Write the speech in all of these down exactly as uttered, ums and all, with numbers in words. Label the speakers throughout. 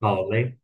Speaker 1: 好嘞，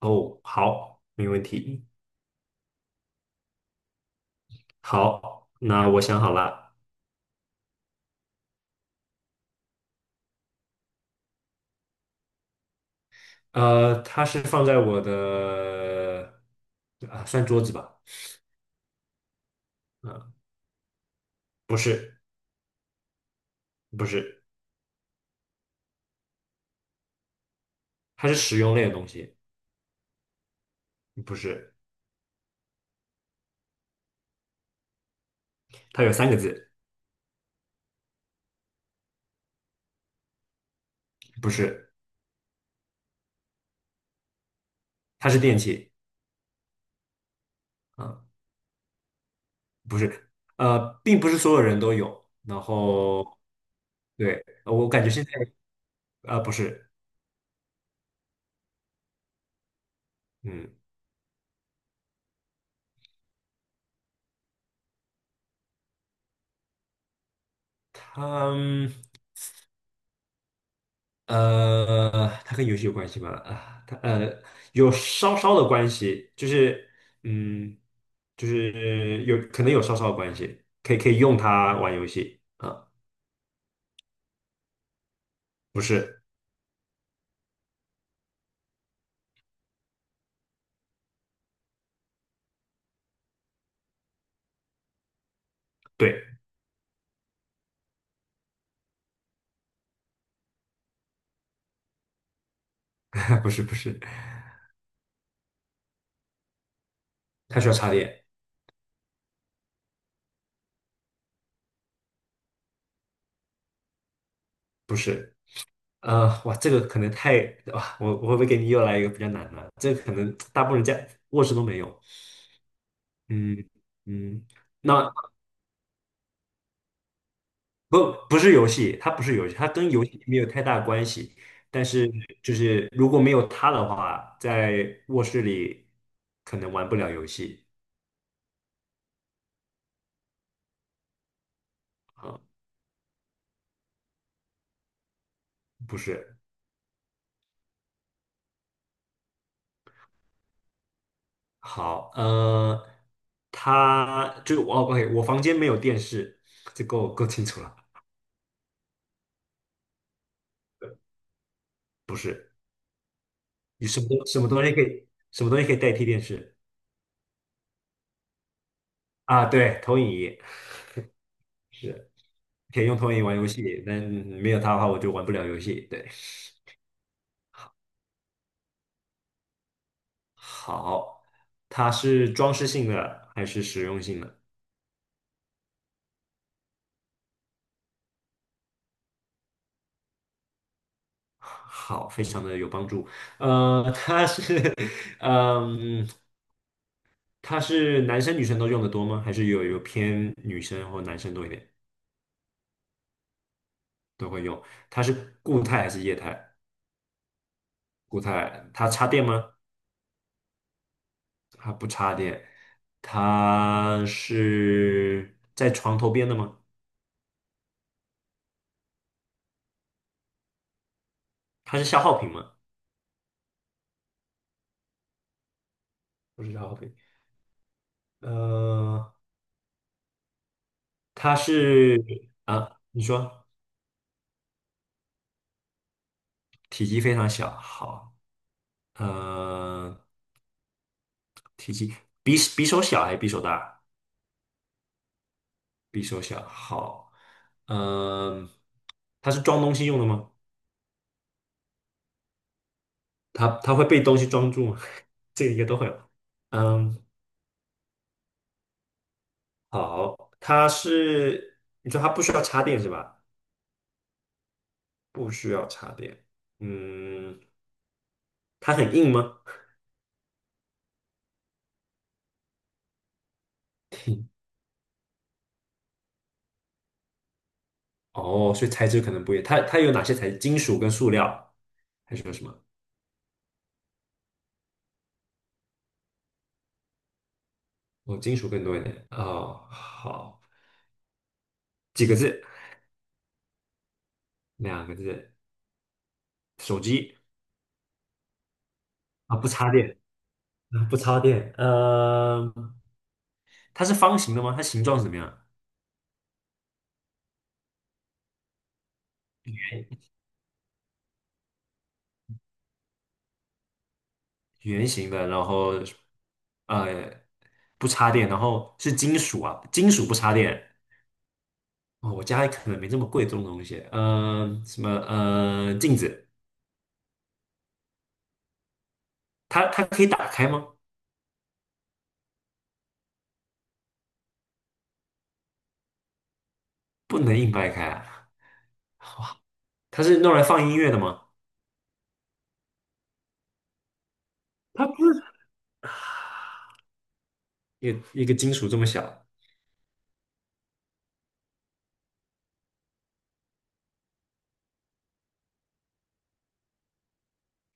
Speaker 1: 哦，好，没问题。好，那我想好了，呃，它是放在我的啊，算桌子吧，啊，不是，不是，它是实用类的东西，不是，它有三个字，不是，它是电器，啊、不是，呃，并不是所有人都有，然后对，我感觉现在啊、不是，嗯，它。嗯呃，它跟游戏有关系吗？啊，它呃有稍稍的关系，就是嗯，就是有可能有稍稍的关系，可以可以用它玩游戏啊，不是，对，不是不是，它需要插电，不是，呃，哇，这个可能太哇，我我会不会给你又来一个比较难的？这个可能大部分人家卧室都没有，嗯嗯，那。不，不是游戏，它不是游戏，它跟游戏没有太大关系。但是，就是如果没有它的话，在卧室里可能玩不了游戏啊，不是。好，呃，它就我 O K，我房间没有电视，这够够清楚了。不是，你什么东什么东西可以什么东西可以代替电视啊？对，投影仪是可以用投影仪玩游戏，但没有它的话，我就玩不了游戏。对，好，它是装饰性的还是实用性的？好，非常的有帮助。呃，它是，嗯，它是男生女生都用的多吗？还是有有偏女生或男生多一点都会用？它是固态还是液态？固态，它插电吗？它不插电。它是在床头边的吗？它是消耗品吗？不是消耗品。呃，它是啊，你说。体积非常小，好，嗯，体积比比手小还是比手大？比手小，好，嗯、它是装东西用的吗？它它会被东西装住吗？这个应该都会吧。嗯，好，它是你说它不需要插电是吧？不需要插电。嗯，它很硬吗？哦，所以材质可能不一样。它它有哪些材质？金属跟塑料，还是有什么？哦，金属更多一点。哦，好，几个字？两个字。手机啊，不插电，啊，不插电，呃，它是方形的吗？它形状是怎么样？圆形的，然后呃不插电，然后是金属啊，金属不插电。哦，我家里可能没这么贵重的东西。呃，什么呃镜子，它它可以打开吗？能硬掰开啊？它是用来放音乐的吗？它不是，一个一个金属这么小，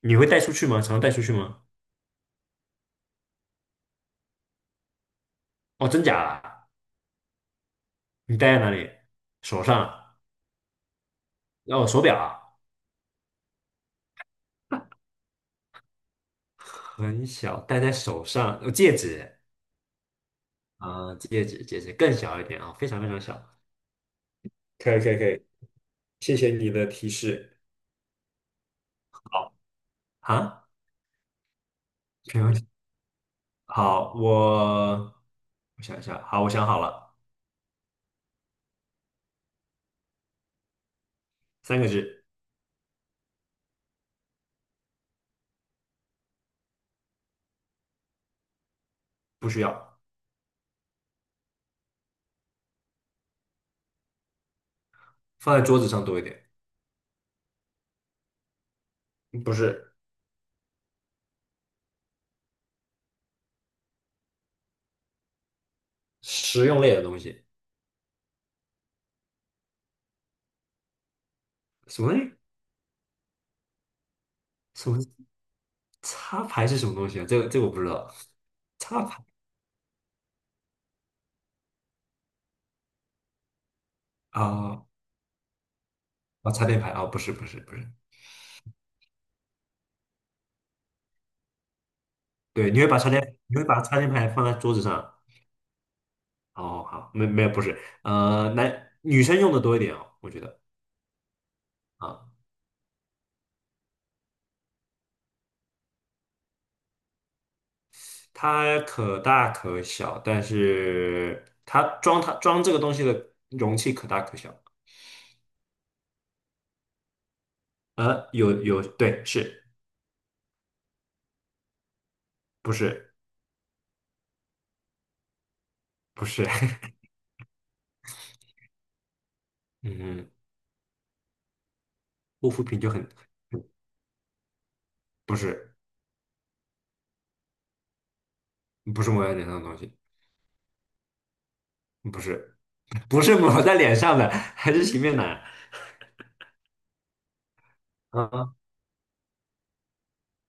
Speaker 1: 你会带出去吗？常带出去吗？哦，真假啊？你戴在哪里？手上？哦，手表啊？很小，戴在手上，哦戒指啊，戒指，戒指更小一点啊，非常非常小可以可以可以，谢谢你的提示。啊，没问题。好，我我想一下，好，我想好了，三个字，不需要，放在桌子上多一点，嗯不是，实用类的东西。什么什么插排是什么东西啊？这个这个我不知道。插排啊啊，插电排啊，不是不是不是，对，你会把插电，你会把插电牌放在桌子上哦，好，没没有不是，呃，男女生用的多一点哦，我觉得啊，它可大可小，但是它装它装这个东西的容器可大可小。呃，有有，对，是不是不是？嗯，护肤品就很不是不是抹在脸上的东西，不是不是抹在脸上的，还是洗面奶啊？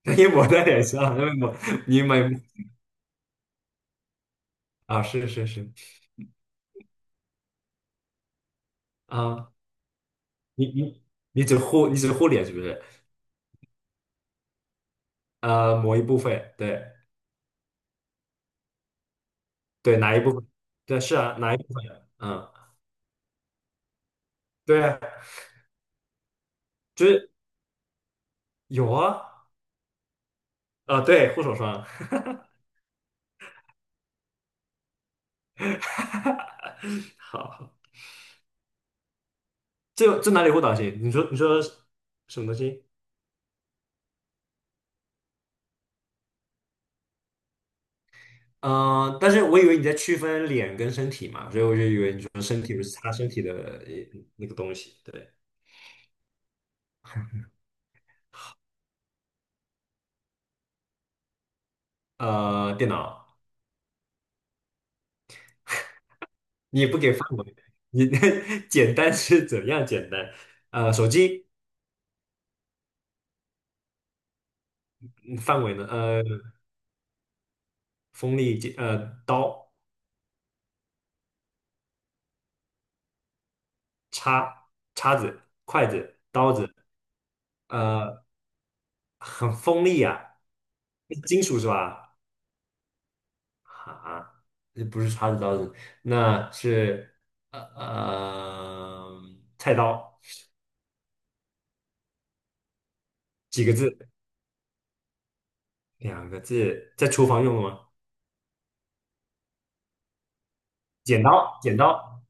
Speaker 1: 那也抹在脸上，因为抹你买啊，是是是啊，你你你只护你只护脸是不是？呃，某一部分，对对，哪一部分？对，是啊，哪一部分？嗯，对啊，就是有啊，啊，对，护手霜，好，好这这哪里护导型？你说你说什么东西？嗯、但是我以为你在区分脸跟身体嘛，所以我就以为你说身体不是擦身体的呃那个东西，对，呃，电脑你也不给范围，你 简单是怎样简单？呃，手机嗯范围呢？呃，锋利呃刀。叉、叉子、筷子、刀子，呃，很锋利啊，金属是吧？啊，这不是叉子刀子，那是呃呃菜刀，几个字？两个字，在厨房用的吗？剪刀，剪刀。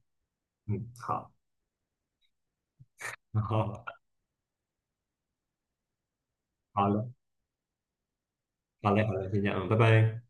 Speaker 1: 嗯，好，好，好了，好嘞，好嘞，先这样，嗯，拜拜。